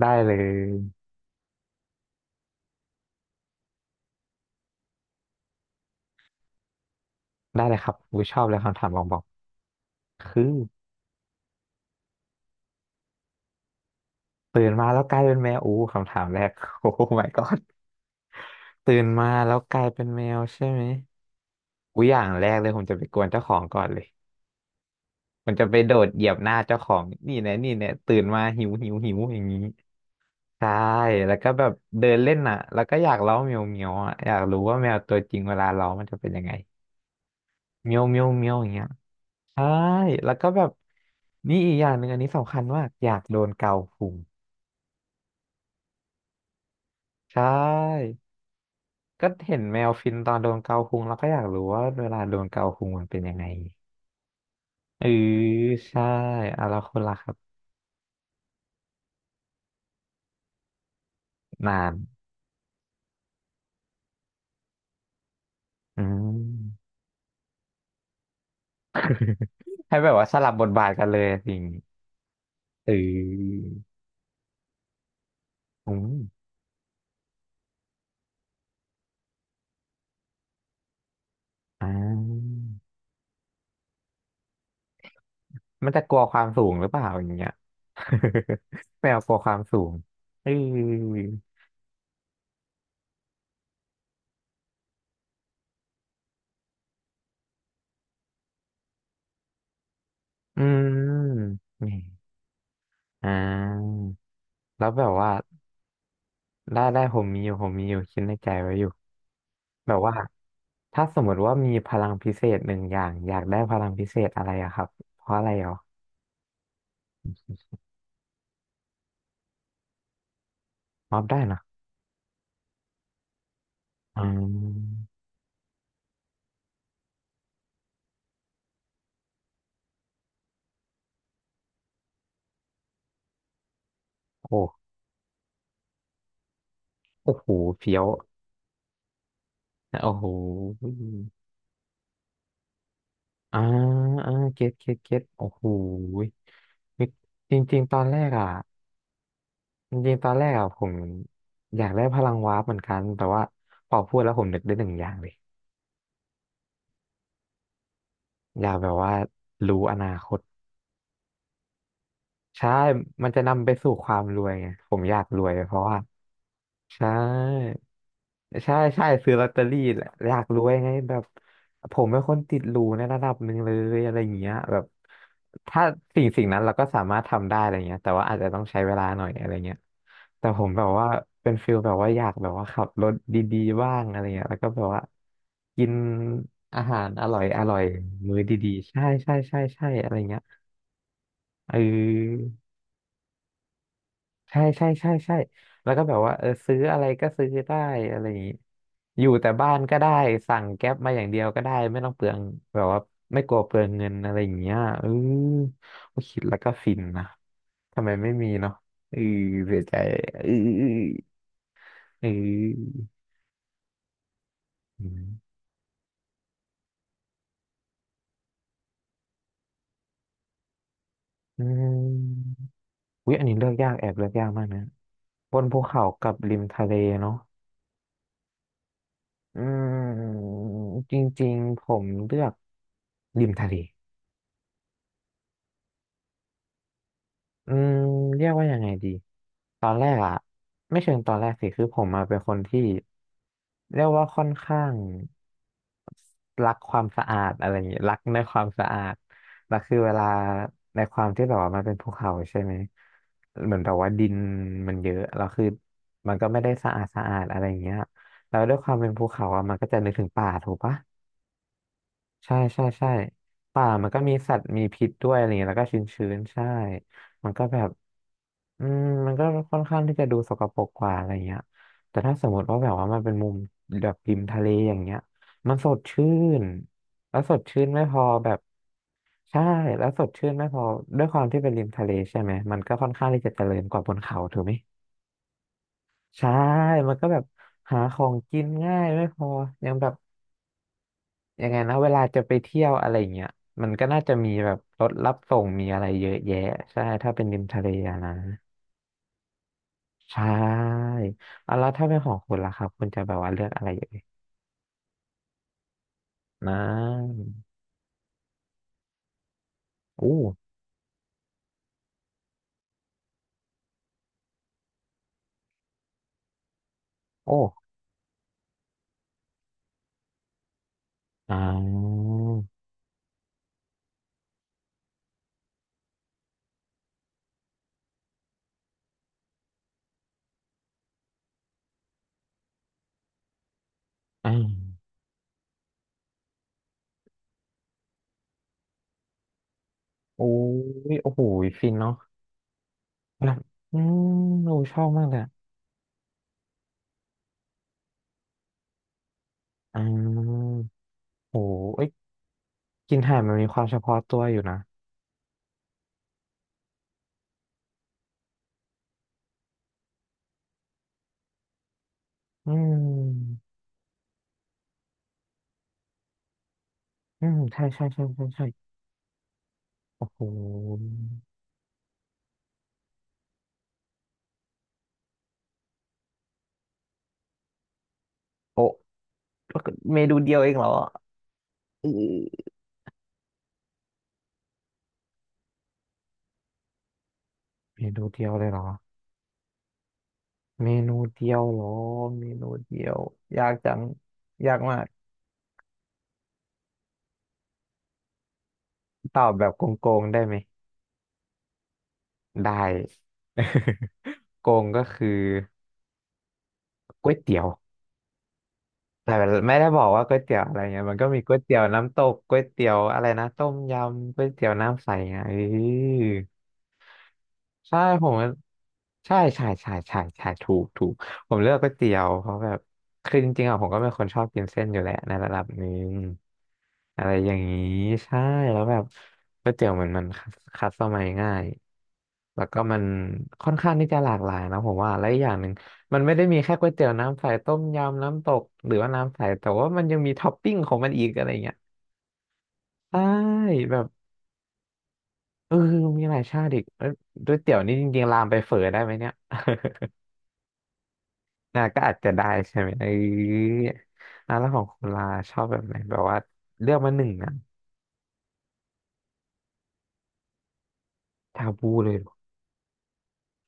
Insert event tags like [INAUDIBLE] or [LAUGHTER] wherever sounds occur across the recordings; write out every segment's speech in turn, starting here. ได้เลยครับกูชอบเลยคำถามบอกบอกคือตื่นมาแล้วกลายเป็นแมวอู้คำถามแรก [LAUGHS] โอ้ my god ตื่นมาแล้วกลายเป็นแมวใช่ไหมกูอย่างแรกเลยผมจะไปกวนเจ้าของก่อนเลยผมนจะไปโดดเหยียบหน้าเจ้าของนี่แน่นี่แน่ตื่นมาหิวหิวหิวอย่างนี้ใช่แล้วก็แบบเดินเล่นอ่ะแล้วก็อยากเล้าเมียวเมียวอ่ะอยากรู้ว่าแมวตัวจริงเวลาเล้ามันจะเป็นยังไงเมียวเมียวเมียวอย่างเงี้ยใช่แล้วก็แบบนี่อีกอย่างหนึ่งอันนี้สำคัญมากอยากโดนเกาพุง ใช่ก็เห็นแมวฟินตอนโดนเกาพุงแล้วก็อยากรู้ว่าเวลาโดนเกาพุงมันเป็นยังไงเออใช่อ่ะแล้วคนละครับนานอืมให้แบบว่าสลับบทบาทกันเลยสิ่างงี้เอออืมอ่ามันจะกลัวความสูงหรือเปล่าอย่างเงี้ย [LAUGHS] แมวกลัวความสูงเอออืมแหมอ่าแล้วแบบว่าได้ผมมีอยู่คิดในใจไว้อยู่แบบว่า ถ้าสมมติว่ามีพลังพิเศษหนึ่งอย่างอยากได้พลังพิเศษอะไรอะครับเพราะอะไรเหรอมอบได้นะอืมโอ้โอ้โหเฟี้ยวโอ้โหอ่าเก็ตโอ้โหนี่จริงๆตอนแรกอะจริงๆตอนแรกอะผมอยากได้พลังวาร์ปเหมือนกันแต่ว่าพอพูดแล้วผมนึกได้หนึ่งอย่างเลยอยากแบบว่ารู้อนาคตใช่มันจะนำไปสู่ความรวยไงผมอยากรวยเพราะว่าใช่ ใช่ซื้อลอตเตอรี่แหละอยากรวยไงแบบผมเป็นคนติดหรูในระดับหนึ่งเลยอะไรอย่างเงี้ยแบบถ้าสิ่งนั้นเราก็สามารถทำได้อะไรเงี้ยแต่ว่าอาจจะต้องใช้เวลาหน่อยอะไรเงี้ยแต่ผมแบบว่าเป็นฟิลแบบว่าอยากแบบว่าขับรถดีๆบ้างอะไรเงี้ยแล้วก็แบบว่ากินอาหารอร่อยอร่อยมื้อดีๆใช่อะไรเงี้ยเออ ใช่แล้วก็แบบว่าเออซื้ออะไรก็ซื้อได้อะไรอย่างนี้อยู่แต่บ้านก็ได้สั่งแก๊ปมาอย่างเดียวก็ได้ไม่ต้องเปลืองแบบว่าไม่กลัวเปลืองเงินอะไรอย่างเงี้ยเออโอ้คิดแล้วก็ฟินนะทำไมไม่มีเนาะเออเสียใจเออเอออืมอืมอุ๊ยอันนี้เลือกยากแอบเลือกยากมากนะบนภูเขากับริมทะเลเนาะอืมจริงๆผมเลือกริมทะเล อืมเรียกว่ายังไงดีตอนแรกอะไม่เชิงตอนแรกสิคือผมมาเป็นคนที่เรียกว่าค่อนข้างรักความสะอาดอะไรอย่างเงี้ยรักในความสะอาดแล้วคือเวลาในความที่แบบว่ามันเป็นภูเขาใช่ไหมเหมือนแบบว่าดินมันเยอะแล้วคือมันก็ไม่ได้สะอาดสะอาดอะไรอย่างเงี้ยแล้วด้วยความเป็นภูเขาอะมันก็จะนึกถึงป่าถูกปะ ใช่ป่ามันก็มีสัตว์มีพิษด้วยอะไรเงี้ยแล้วก็ชื้นชื้นใช่มันก็แบบอืมมันก็ค่อนข้างที่จะดูสกปรกกว่าอะไรเงี้ยแต่ถ้าสมมติว่าแบบว่ามันเป็นมุมแบบริมทะเลอย่างเงี้ยมันสดชื่นแล้วสดชื่นไม่พอแบบใช่แล้วสดชื่นไม่พอด้วยความที่เป็นริมทะเลใช่ไหมมันก็ค่อนข้างที่จะเจริญกว่าบนเขาถูกไหมใช่มันก็แบบหาของกินง่ายไม่พอยังแบบ ยังไงนะเวลาจะไปเที่ยวอะไรเงี้ยมันก็น่าจะมีแบบรถรับส่งมีอะไรเยอะแยะใช่ถ้าเป็นริมทะเลอะนะใช่เอาแล้วถ้าเป็นของคุณล่ะครับคุณจะแบบว่าเลือกอะไรเอ่ยนะอู้โอ้อ่าอ่าอู้ยโอ้โหฟินเนาะแบบอืมโอ้ชอบมากเลยอะอ่าโอ้เอ้ยกินห่านมันมีความเฉพาะตัวอยู่นะอืมอืมใช่โอ้โหโอ้ เมนูเดียวเองเหรอเออเมนูเดียวเลยเหรอเมนูเดียวเหรอเมนูเดียวยากจังยากมากตอบแบบโกงๆได้ไหมได้ [LAUGHS] โกงก็คือก๋วยเตี๋ยว แต่ไม่ได้บอกว่าก๋วยเตี๋ยวอะไรเงี้ยมันก็มีก๋วยเตี๋ยวน้ำตกก๋วยเตี๋ยวอะไรนะต้มยำก๋วยเตี๋ยวน้ำใสไงเออใช่ผมใช่ถูกผมเลือกก๋วยเตี๋ยวเพราะแบบคือจริงๆอ่ะผมก็เป็นคนชอบกินเส้นอยู่แหละในระดับหนึงอะไรอย่างนี้ใช่แล้วแบบก๋วยเตี๋ยวเหมือนมันคัสตอมไมง่ายแล้วก็มันค่อนข้างที่จะหลากหลายนะผมว่าและอีกอย่างหนึ่ง มันไม่ได้มีแค่ก๋วยเตี๋ยวน้ำใสต้มยำน้ำตกหรือว่าน้ำใสแต่ว่ามันยังมีท็อปปิ้งของมันอีกอะไรเงี้ยใช่แบบเออมีหลายชาติอีกเอ้ยก๋วยเตี๋ยวนี่จริงๆลามไปเฝอได้ไหมเนี่ย [LAUGHS] น่าก็อาจจะได้ใช่ไหมเอออ่ะแล้วของคุณลาชอบแบบไหน แบบว่าเลือกมาหนึ่งนะชาบูเลยเหรอ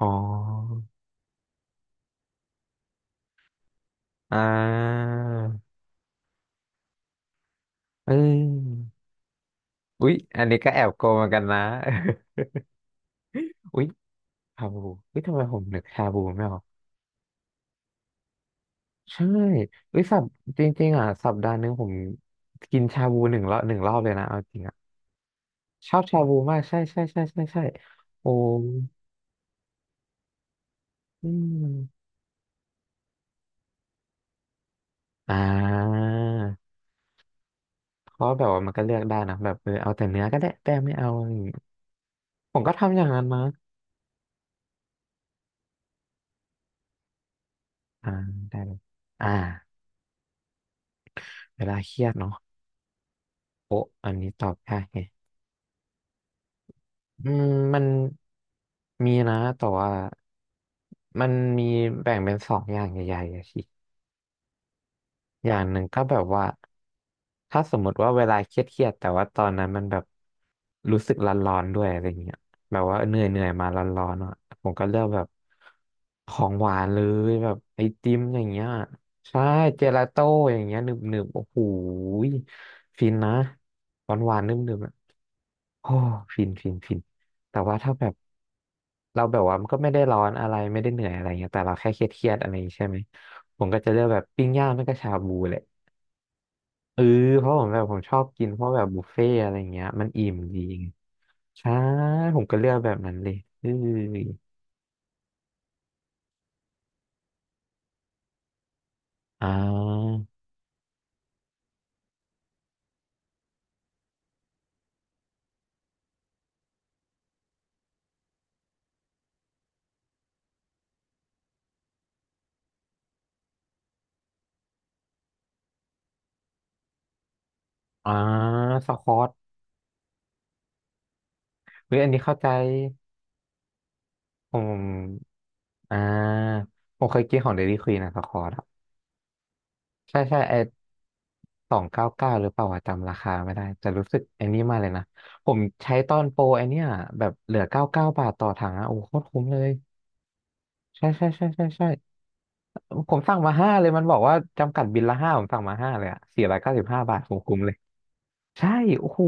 อ๋ออ่าเอออุ๊ยอันนี้ก็แอบโกงเหมือนกันนะ [LAUGHS] อุ๊ยชาบูอุ๊ยทำไมผมนึกชาบูไม่ออก ใช่เอ้ยสัปจริงๆอ่ะสัปดาห์หนึงผมกินชาบูหนึ่งรอบเลยนะเอาจริงอ่ะชอบชาบูมากใช่โอ้อืมอ่าเพราะแบบว่ามันก็เลือกได้นะแบบเออเอาแต่เนื้อก็ได้แต่ไม่เอาอะไรอย่างงี้ผมก็ทำอย่างนั้นนะอ่าได้เลยอ่าเวลาเครียดเนาะโอ้อันนี้ตอบยากไงอืมมันมีนะแต่ว่ามันมีแบ่งเป็นสองอย่างใหญ่ๆอะสิอย่างหนึ่งก็แบบว่า ถ้าสมมติว่าเวลาเครียดๆแต่ว่าตอนนั้นมันแบบรู้สึกร้อนๆด้วยอะไรเงี้ยแบบว่าเหนื่อยๆมาร้อนๆอ่ะผมก็เลือกแบบของหวานเลยแบบไอติมอย่างเงี้ยใช่เจลาโต้อย่างเงี้ยหนึบๆโอ้โหยฟินนะหวานๆนึบๆอ่ะโอ้ฟินแต่ว่าถ้าแบบเราแบบว่ามันก็ไม่ได้ร้อนอะไรไม่ได้เหนื่อยอะไรเงี้ยแต่เราแค่เครียดๆอะไรอย่างงี้ใช่ไหมผมก็จะเลือกแบบปิ้งย่างไม่ก็ชาบูแหละ เออเพราะผมชอบกินเพราะแบบบุฟเฟ่ต์อะไรเงี้ยมันอิ่มดีไงใช่ผมก็เลือกแบบนั้นเลยเอออ่าอ่าสควอตเฮ้ยอันนี้เข้าใจผมอ่าผมเคยกินของเดลี่ควีนอะสควอตอะใช่ใช่ไอ299หรือเปล่าอะจำราคาไม่ได้แต่รู้สึกไอ้นี่มากเลยนะผมใช้ตอนโปรไอเนี้ยแบบเหลือ99 บาทต่อถังอะโอ้โหโคตรคุ้มเลยใช่ ผมสั่งมาห้าเลยมันบอกว่าจำกัดบินละห้าผมสั่งมาห้าเลยอะ495 บาทผมคุ้มเลยใช่โอ้โห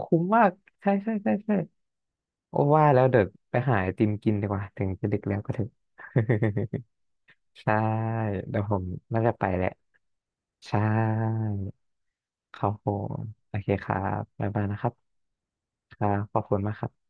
คุ้มมากใช่โอ้ว่าแล้วเดี๋ยวไปหาไอติมกินดีกว่าถึงจะดึกแล้วก็เถอะ [LAUGHS] ใช่เดี๋ยวผมน่าจะไปแหละใช่ครับผมโอเคครับบ๊ายบายนะครับครับขอบคุณมากครับ